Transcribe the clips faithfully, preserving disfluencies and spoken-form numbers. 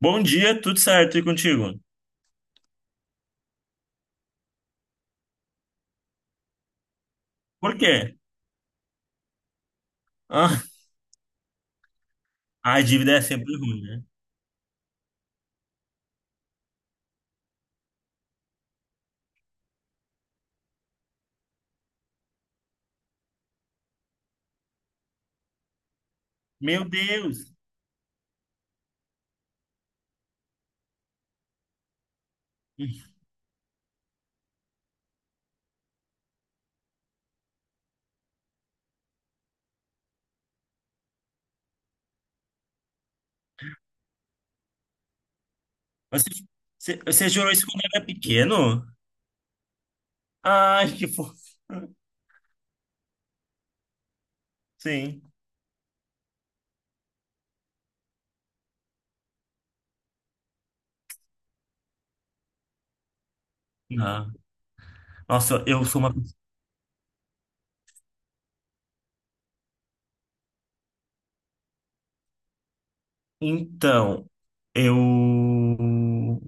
Bom dia, tudo certo e contigo? Por quê? Ah, a dívida é sempre ruim, né? Meu Deus! Você, você, você jurou isso quando era pequeno? Ai, que fofo. Sim. Ah, nossa, eu sou uma. Então, eu.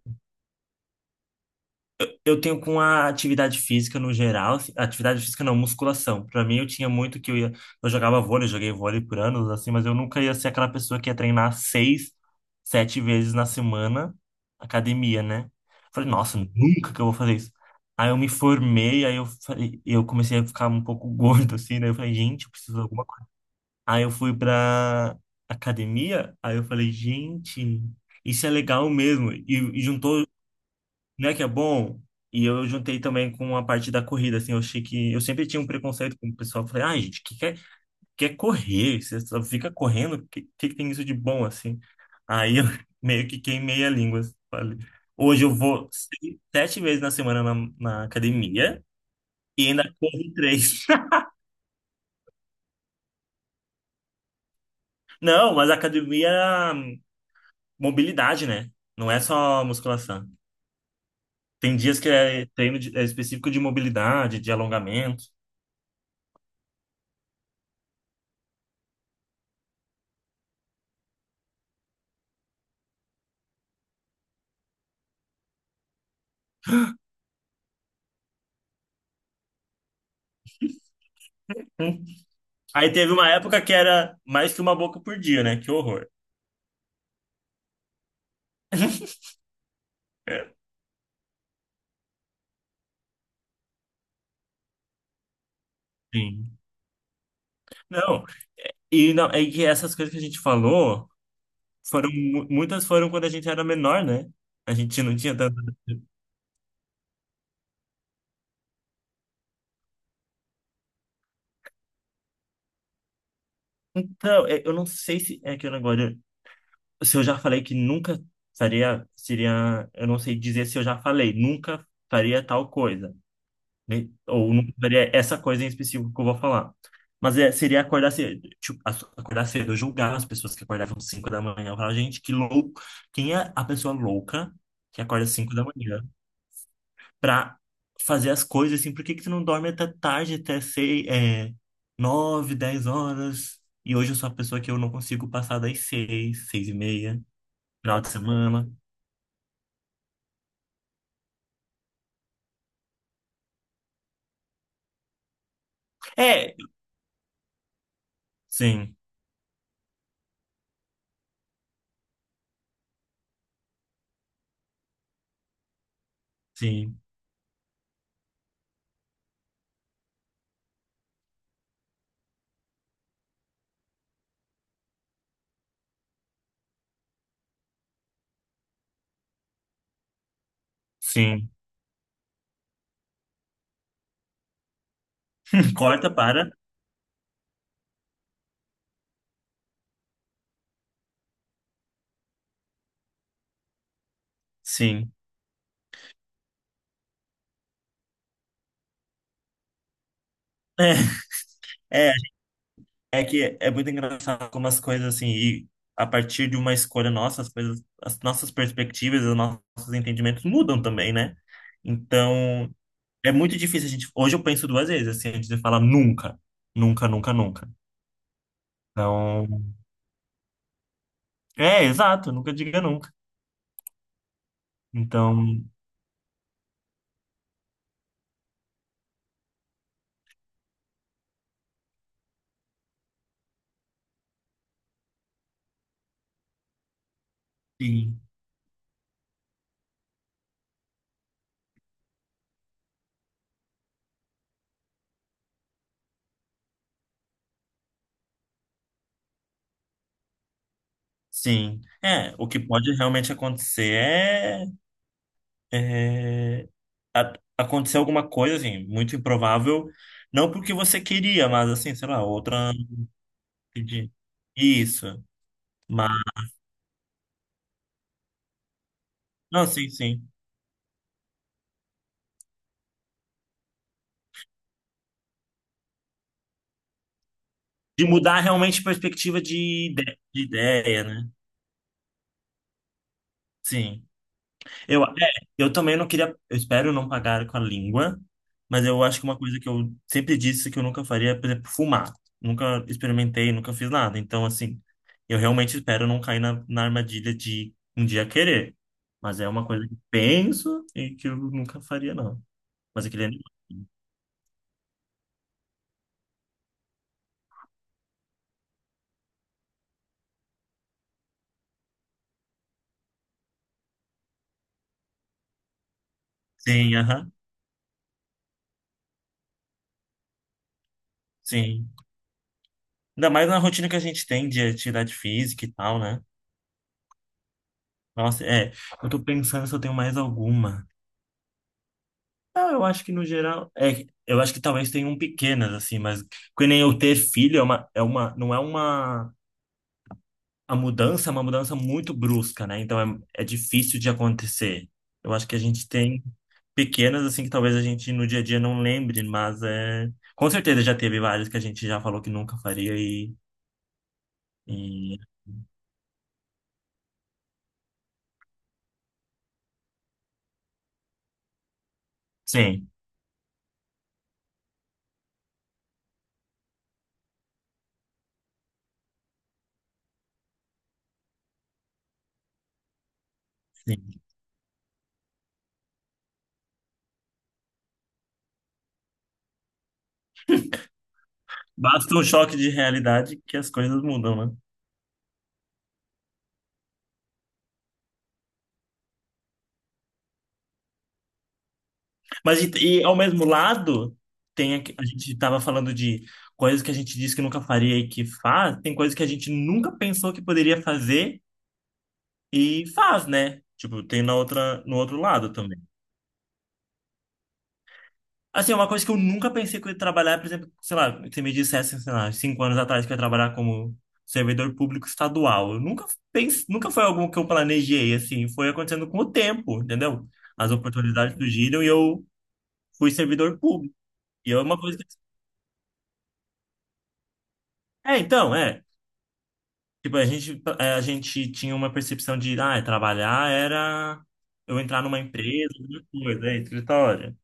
Eu tenho com a atividade física no geral, assim, atividade física não, musculação. Pra mim eu tinha muito que eu ia, eu jogava vôlei, joguei vôlei por anos assim, mas eu nunca ia ser aquela pessoa que ia treinar seis, sete vezes na semana academia, né? Falei, nossa, nunca que eu vou fazer isso. Aí eu me formei, aí eu falei- eu comecei a ficar um pouco gordo assim, daí eu falei, gente, eu preciso de alguma coisa. Aí eu fui pra academia, aí eu falei, gente, isso é legal mesmo. E, e juntou não é que é bom? E eu juntei também com a parte da corrida, assim, eu achei que... Eu sempre tinha um preconceito com o pessoal, eu falei, ai, gente, que quer, quer correr? Você só fica correndo? Que, que que tem isso de bom, assim? Aí eu meio que queimei a língua, falei. Hoje eu vou se- sete vezes na semana na, na, academia e ainda corro três. Não, mas a academia é hum, mobilidade, né? Não é só musculação. Tem dias que é treino de- é específico de mobilidade, de alongamento. Hum. Aí teve uma época que era mais que uma boca por dia, né? Que horror. É, sim. Não, e não, é que essas coisas que a gente falou foram mu- muitas foram quando a gente era menor, né? A gente não tinha tanto. Então, é, eu não sei se é que eu agora se eu já falei que nunca faria seria, eu não sei dizer se eu já falei, nunca faria tal coisa, né? Ou não faria essa coisa em específico que eu vou falar. Mas é, seria acordar cedo, tipo, as- acordar cedo, julgar as pessoas que acordavam cinco da manhã, falar, gente, que louco, quem é a pessoa louca que acorda cinco da manhã pra fazer as coisas assim, por que que tu não dorme até tarde, até sei, é, nove dez horas? E hoje eu sou a pessoa que eu não consigo passar das seis seis e meia, final de semana. É, sim, sim, sim. Corta para, sim. É. É, É que é muito engraçado como as coisas assim, e a partir de uma escolha nossa, as coisas, as nossas perspectivas, os nossos entendimentos mudam também, né? Então, é muito difícil a gente. Hoje eu penso duas vezes, assim, antes de falar nunca, nunca, nunca, nunca. Então, é, exato, nunca diga nunca. Então, sim, sim. É, o que pode realmente acontecer é, é a- acontecer alguma coisa, assim, muito improvável, não porque você queria, mas assim, sei lá, outra. Entendi. Isso. Mas, não, sim, sim. De mudar realmente a perspectiva de ide- de ideia, né? Sim. Eu, é, eu também não queria. Eu espero não pagar com a língua, mas eu acho que uma coisa que eu sempre disse que eu nunca faria é, por exemplo, fumar. Nunca experimentei, nunca fiz nada. Então, assim, eu realmente espero não cair na, na, armadilha de um dia querer. Mas é uma coisa que penso e que eu nunca faria, não. Mas aquele animal. Sim, aham. Sim. Ainda mais na rotina que a gente tem de atividade física e tal, né? Nossa, é. Eu tô pensando se eu tenho mais alguma. Não, eu acho que no geral. É, eu acho que talvez tenham pequenas, assim, mas que nem eu ter filho é uma, é uma, não é uma. A mudança é uma mudança muito brusca, né? Então é, é difícil de acontecer. Eu acho que a gente tem pequenas, assim, que talvez a gente no dia a dia não lembre, mas é. Com certeza já teve várias que a gente já falou que nunca faria e. e... Sim. Basta um choque de realidade que as coisas mudam, né? Mas e, e, ao mesmo lado, tem a, a gente estava falando de coisas que a gente disse que nunca faria e que faz, tem coisas que a gente nunca pensou que poderia fazer e faz, né? Tipo, tem na outra, no outro lado também. Assim, é uma coisa que eu nunca pensei que eu ia trabalhar, por exemplo, sei lá, se me dissesse, sei lá, cinco anos atrás que eu ia trabalhar como servidor público estadual. Eu nunca pense, nunca foi algo que eu planejei, assim, foi acontecendo com o tempo, entendeu? As oportunidades surgiram e eu fui servidor público. E é uma coisa que... É, então, é. Tipo, a gente, é, a gente tinha uma percepção de, ah, trabalhar era eu entrar numa empresa, alguma coisa, é, escritório.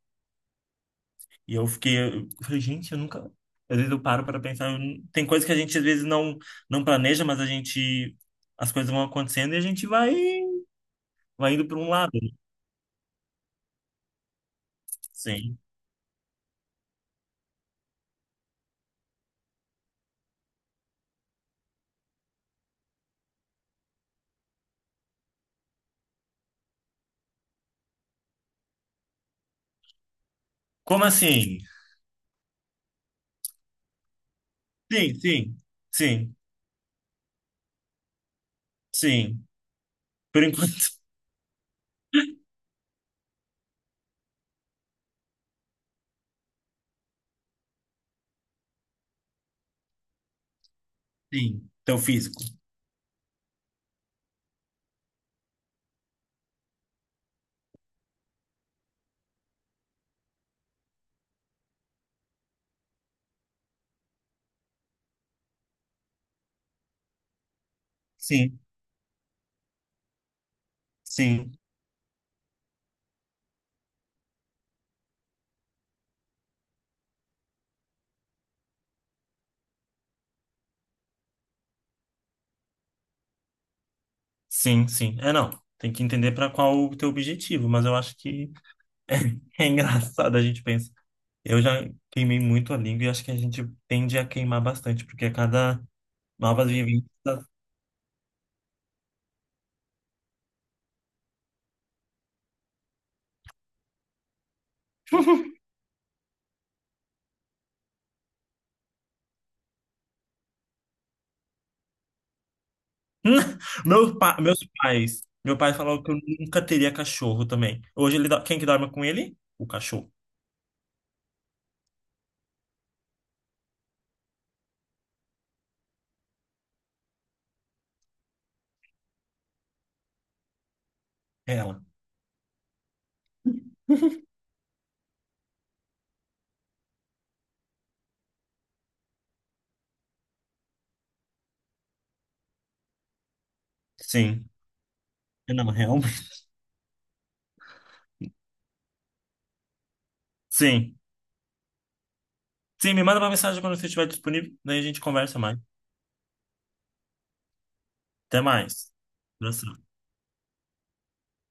E eu fiquei, eu falei, gente, eu nunca... Às vezes eu paro para pensar, eu não- tem coisas que a gente às vezes não, não, planeja, mas a gente... As coisas vão acontecendo e a gente vai, vai indo para um lado, né? Sim. Como assim? Sim, sim, sim, sim. Por enquanto, sim. Então, físico. Sim, sim. Sim, sim. É, não. Tem que entender para qual o teu objetivo, mas eu acho que é engraçado a gente pensa. Eu já queimei muito a língua e acho que a gente tende a queimar bastante, porque a cada novas vivências. Meu pa... Meus pais. Meu pai falou que eu nunca teria cachorro também. Hoje ele dó- quem que dorme com ele? O cachorro. É ela. Sim. É, não, realmente. Sim. Sim, me manda uma mensagem quando você estiver disponível, daí a gente conversa mais. Até mais. Abração.